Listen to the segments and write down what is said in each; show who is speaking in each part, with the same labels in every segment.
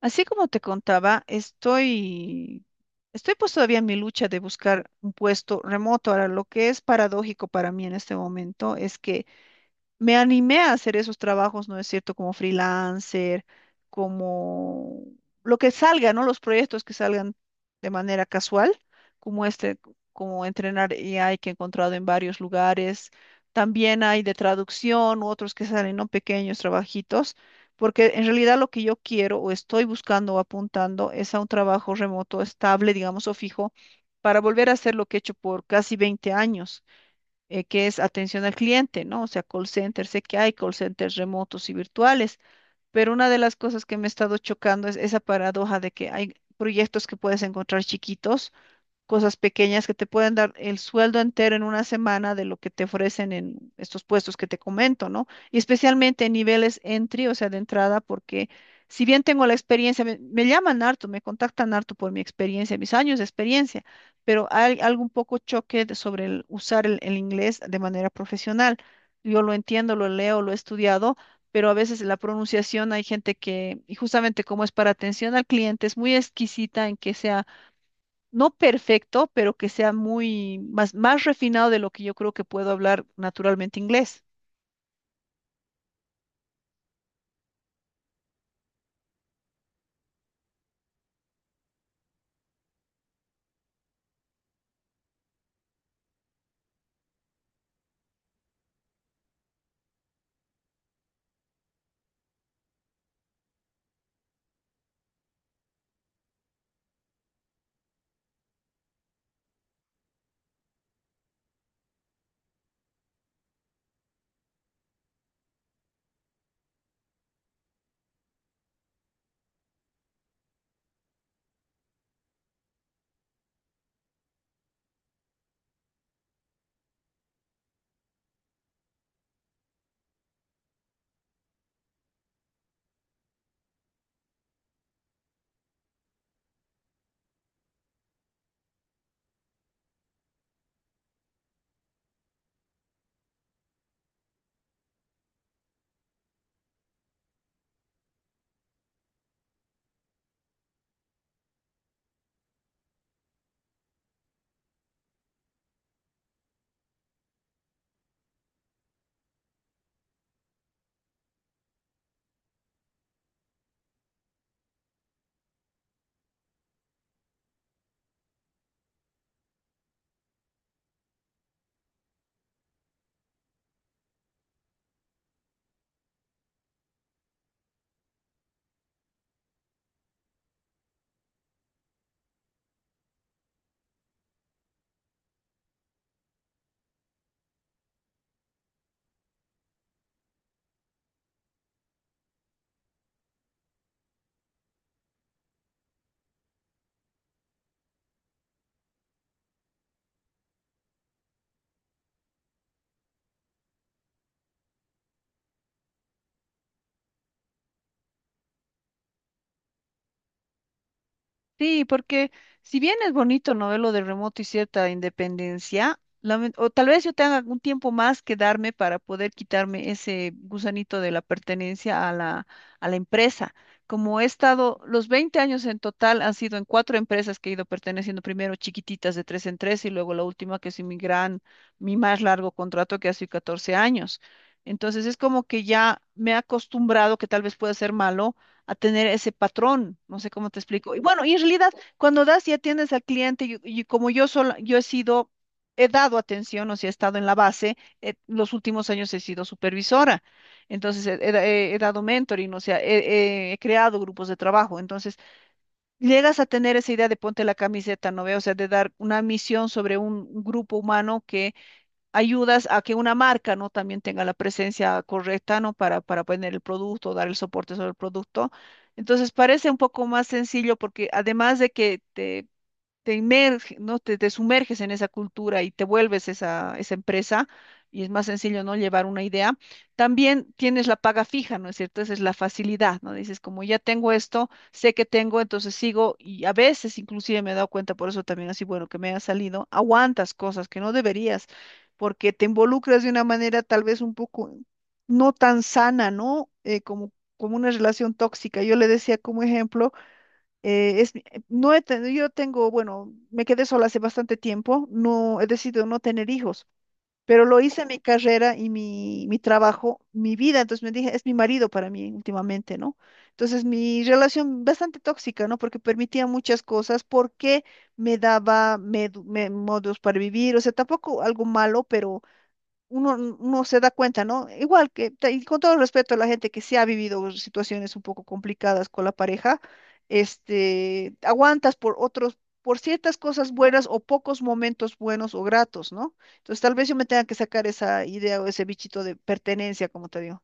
Speaker 1: Así como te contaba, estoy pues todavía en mi lucha de buscar un puesto remoto. Ahora, lo que es paradójico para mí en este momento es que me animé a hacer esos trabajos, ¿no es cierto? Como freelancer, como lo que salga, ¿no? Los proyectos que salgan de manera casual, como este, como entrenar AI que he encontrado en varios lugares. También hay de traducción, otros que salen, ¿no? Pequeños trabajitos, porque en realidad lo que yo quiero o estoy buscando o apuntando es a un trabajo remoto estable, digamos, o fijo, para volver a hacer lo que he hecho por casi 20 años que es atención al cliente, ¿no? O sea, call center, sé que hay call centers remotos y virtuales, pero una de las cosas que me ha estado chocando es esa paradoja de que hay proyectos que puedes encontrar chiquitos, cosas pequeñas que te pueden dar el sueldo entero en una semana de lo que te ofrecen en estos puestos que te comento, ¿no? Y especialmente en niveles entry, o sea, de entrada, porque si bien tengo la experiencia, me llaman harto, me contactan harto por mi experiencia, mis años de experiencia, pero hay algo un poco choque sobre el usar el inglés de manera profesional. Yo lo entiendo, lo leo, lo he estudiado. Pero a veces la pronunciación hay gente que, y justamente como es para atención al cliente, es muy exquisita en que sea no perfecto, pero que sea muy más refinado de lo que yo creo que puedo hablar naturalmente inglés. Sí, porque si bien es bonito, ¿no? Ver lo de remoto y cierta independencia, o tal vez yo tenga algún tiempo más que darme para poder quitarme ese gusanito de la pertenencia a a la empresa. Como he estado, los 20 años en total han sido en cuatro empresas que he ido perteneciendo, primero chiquititas de tres en tres y luego la última que es mi mi más largo contrato que ha sido 14 años. Entonces es como que ya me he acostumbrado, que tal vez pueda ser malo a tener ese patrón, no sé cómo te explico. Y bueno, y en realidad, cuando das y atiendes al cliente, y como yo sola, yo he sido, he dado atención, o sea, he estado en la base, los últimos años he sido supervisora, entonces he dado mentoring, o sea, he creado grupos de trabajo, entonces llegas a tener esa idea de ponte la camiseta, ¿no ve? O sea, de dar una misión sobre un grupo humano que ayudas a que una marca, ¿no? También tenga la presencia correcta, ¿no? Para poner el producto, dar el soporte sobre el producto. Entonces parece un poco más sencillo porque además de que te inmerges, ¿no? Te sumerges en esa cultura y te vuelves esa empresa y es más sencillo, ¿no? Llevar una idea. También tienes la paga fija, ¿no es cierto? Esa es la facilidad, ¿no? Dices, como ya tengo esto, sé que tengo, entonces sigo y a veces inclusive me he dado cuenta, por eso también así, bueno, que me ha salido, aguantas cosas que no deberías porque te involucras de una manera tal vez un poco no tan sana, ¿no? Como, como una relación tóxica. Yo le decía como ejemplo no he yo tengo, bueno, me quedé sola hace bastante tiempo, no he decidido no tener hijos, pero lo hice mi carrera y mi trabajo, mi vida, entonces me dije, es mi marido para mí últimamente, ¿no? Entonces mi relación bastante tóxica, ¿no? Porque permitía muchas cosas, porque me daba modos para vivir, o sea, tampoco algo malo, pero uno se da cuenta, ¿no? Igual que, y con todo respeto a la gente que sí ha vivido situaciones un poco complicadas con la pareja, este, aguantas por otros, por ciertas cosas buenas o pocos momentos buenos o gratos, ¿no? Entonces tal vez yo me tenga que sacar esa idea o ese bichito de pertenencia, como te digo.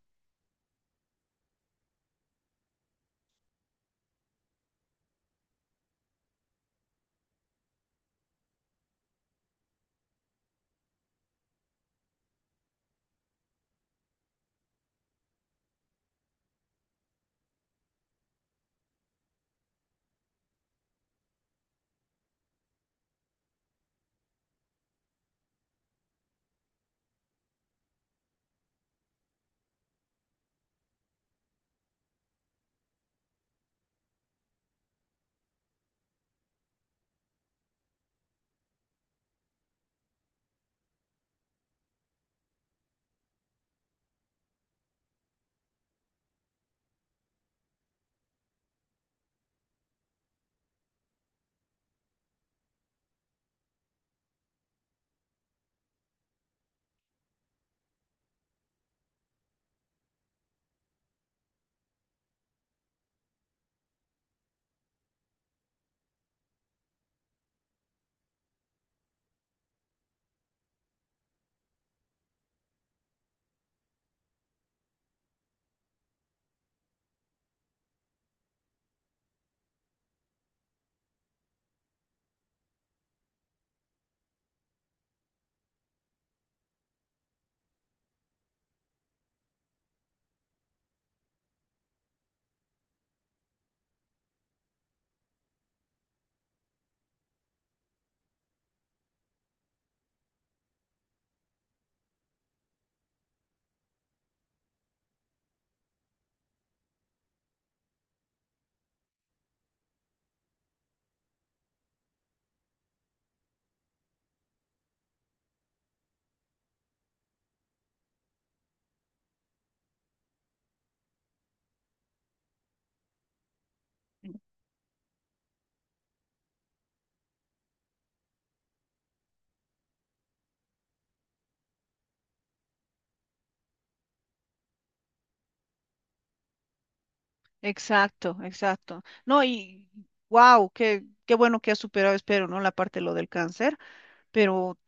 Speaker 1: Exacto, exacto. No, y wow, qué bueno que has superado, espero, ¿no? La parte de lo del cáncer, pero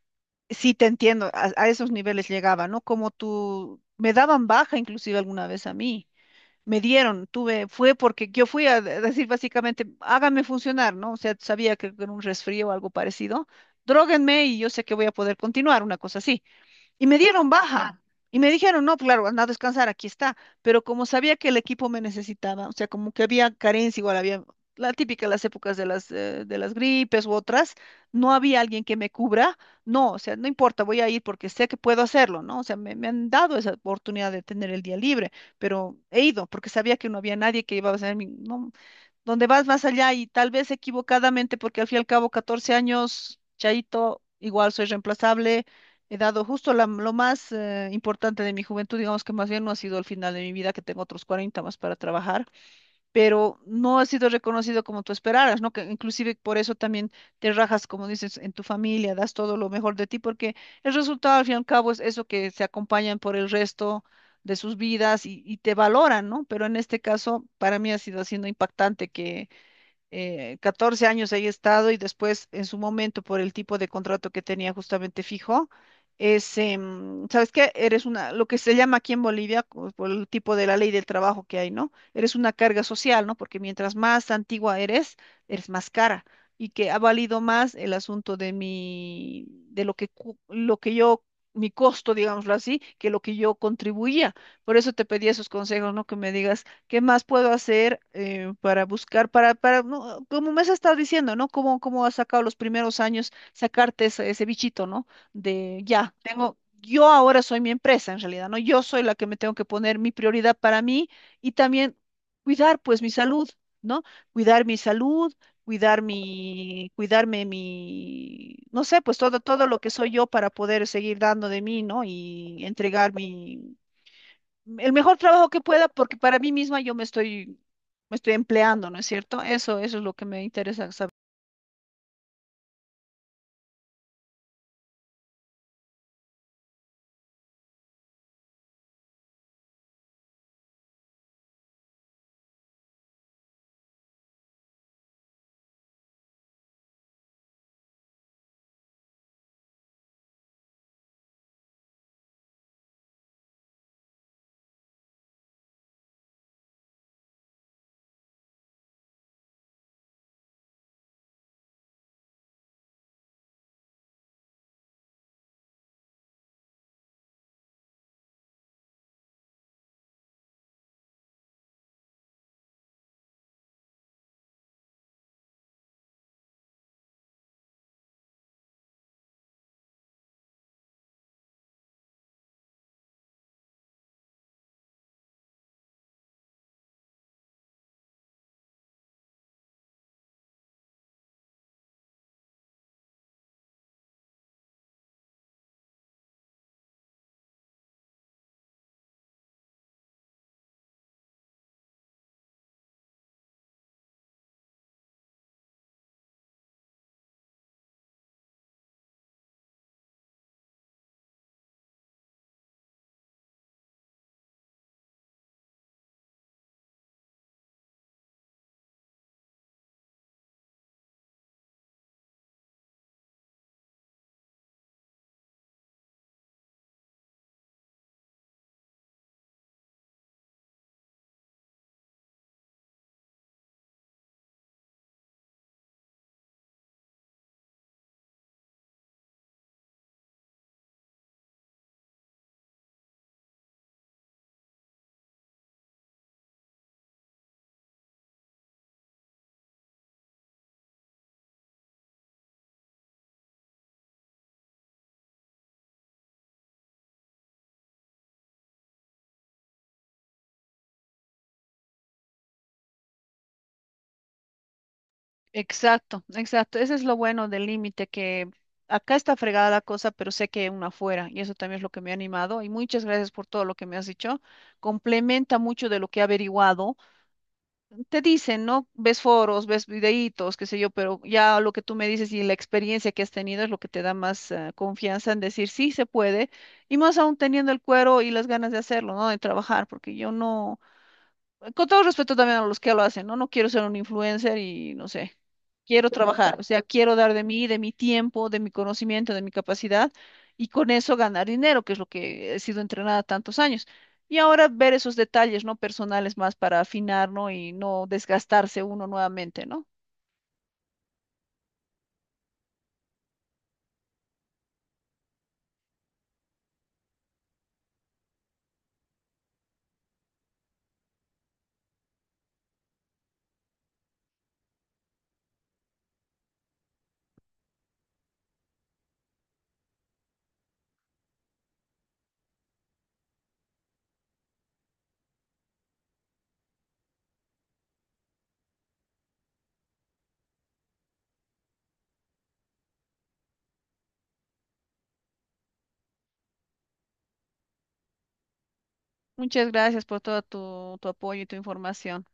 Speaker 1: sí, te entiendo, a esos niveles llegaba, ¿no? Como tú, me daban baja inclusive alguna vez a mí, me dieron, tuve, fue porque yo fui a decir básicamente, háganme funcionar, ¿no? O sea, sabía que era un resfrío o algo parecido, dróguenme y yo sé que voy a poder continuar, una cosa así. Y me dieron baja. Y me dijeron, no, claro, anda a descansar, aquí está. Pero como sabía que el equipo me necesitaba, o sea, como que había carencia, igual había la típica, las épocas de las gripes u otras, no había alguien que me cubra. No, o sea, no importa, voy a ir porque sé que puedo hacerlo, ¿no? O sea, me han dado esa oportunidad de tener el día libre, pero he ido porque sabía que no había nadie que iba a hacer mi... No, donde vas más allá y tal vez equivocadamente, porque al fin y al cabo, 14 años, Chaito, igual soy reemplazable. He dado justo lo más importante de mi juventud, digamos que más bien no ha sido el final de mi vida, que tengo otros 40 más para trabajar, pero no ha sido reconocido como tú esperaras, ¿no? Que inclusive por eso también te rajas, como dices, en tu familia, das todo lo mejor de ti, porque el resultado al fin y al cabo es eso que se acompañan por el resto de sus vidas y te valoran, ¿no? Pero en este caso, para mí ha sido siendo impactante que 14 años ahí he estado y después en su momento por el tipo de contrato que tenía justamente fijo, es, ¿sabes qué? Eres una, lo que se llama aquí en Bolivia, por el tipo de la ley del trabajo que hay, ¿no? Eres una carga social, ¿no? Porque mientras más antigua eres, eres más cara. Y que ha valido más el asunto de mi, de lo que, lo que yo, mi costo, digámoslo así, que lo que yo contribuía. Por eso te pedí esos consejos, ¿no? Que me digas, ¿qué más puedo hacer para buscar, para, no, como me has estado diciendo, ¿no? ¿Cómo, cómo has sacado los primeros años sacarte ese bichito, ¿no? De ya, tengo, yo ahora soy mi empresa en realidad, ¿no? Yo soy la que me tengo que poner mi prioridad para mí y también cuidar, pues, mi salud, ¿no? Cuidar mi salud. Cuidar mi, cuidarme mi, no sé, pues todo, todo lo que soy yo para poder seguir dando de mí, ¿no? Y entregar mi, el mejor trabajo que pueda, porque para mí misma yo me estoy empleando, ¿no es cierto? Eso es lo que me interesa saber. Exacto, exacto. Ese es lo bueno del límite, que acá está fregada la cosa, pero sé que hay una afuera, y eso también es lo que me ha animado. Y muchas gracias por todo lo que me has dicho. Complementa mucho de lo que he averiguado. Te dicen, ¿no? Ves foros, ves videitos, qué sé yo, pero ya lo que tú me dices y la experiencia que has tenido es lo que te da más confianza en decir sí se puede, y más aún teniendo el cuero y las ganas de hacerlo, ¿no? De trabajar, porque yo no, con todo respeto también a los que lo hacen, ¿no? No quiero ser un influencer y no sé, quiero trabajar, o sea, quiero dar de mí, de mi tiempo, de mi conocimiento, de mi capacidad y con eso ganar dinero, que es lo que he sido entrenada tantos años. Y ahora ver esos detalles, ¿no? Personales más para afinar, ¿no? Y no desgastarse uno nuevamente, ¿no? Muchas gracias por todo tu apoyo y tu información.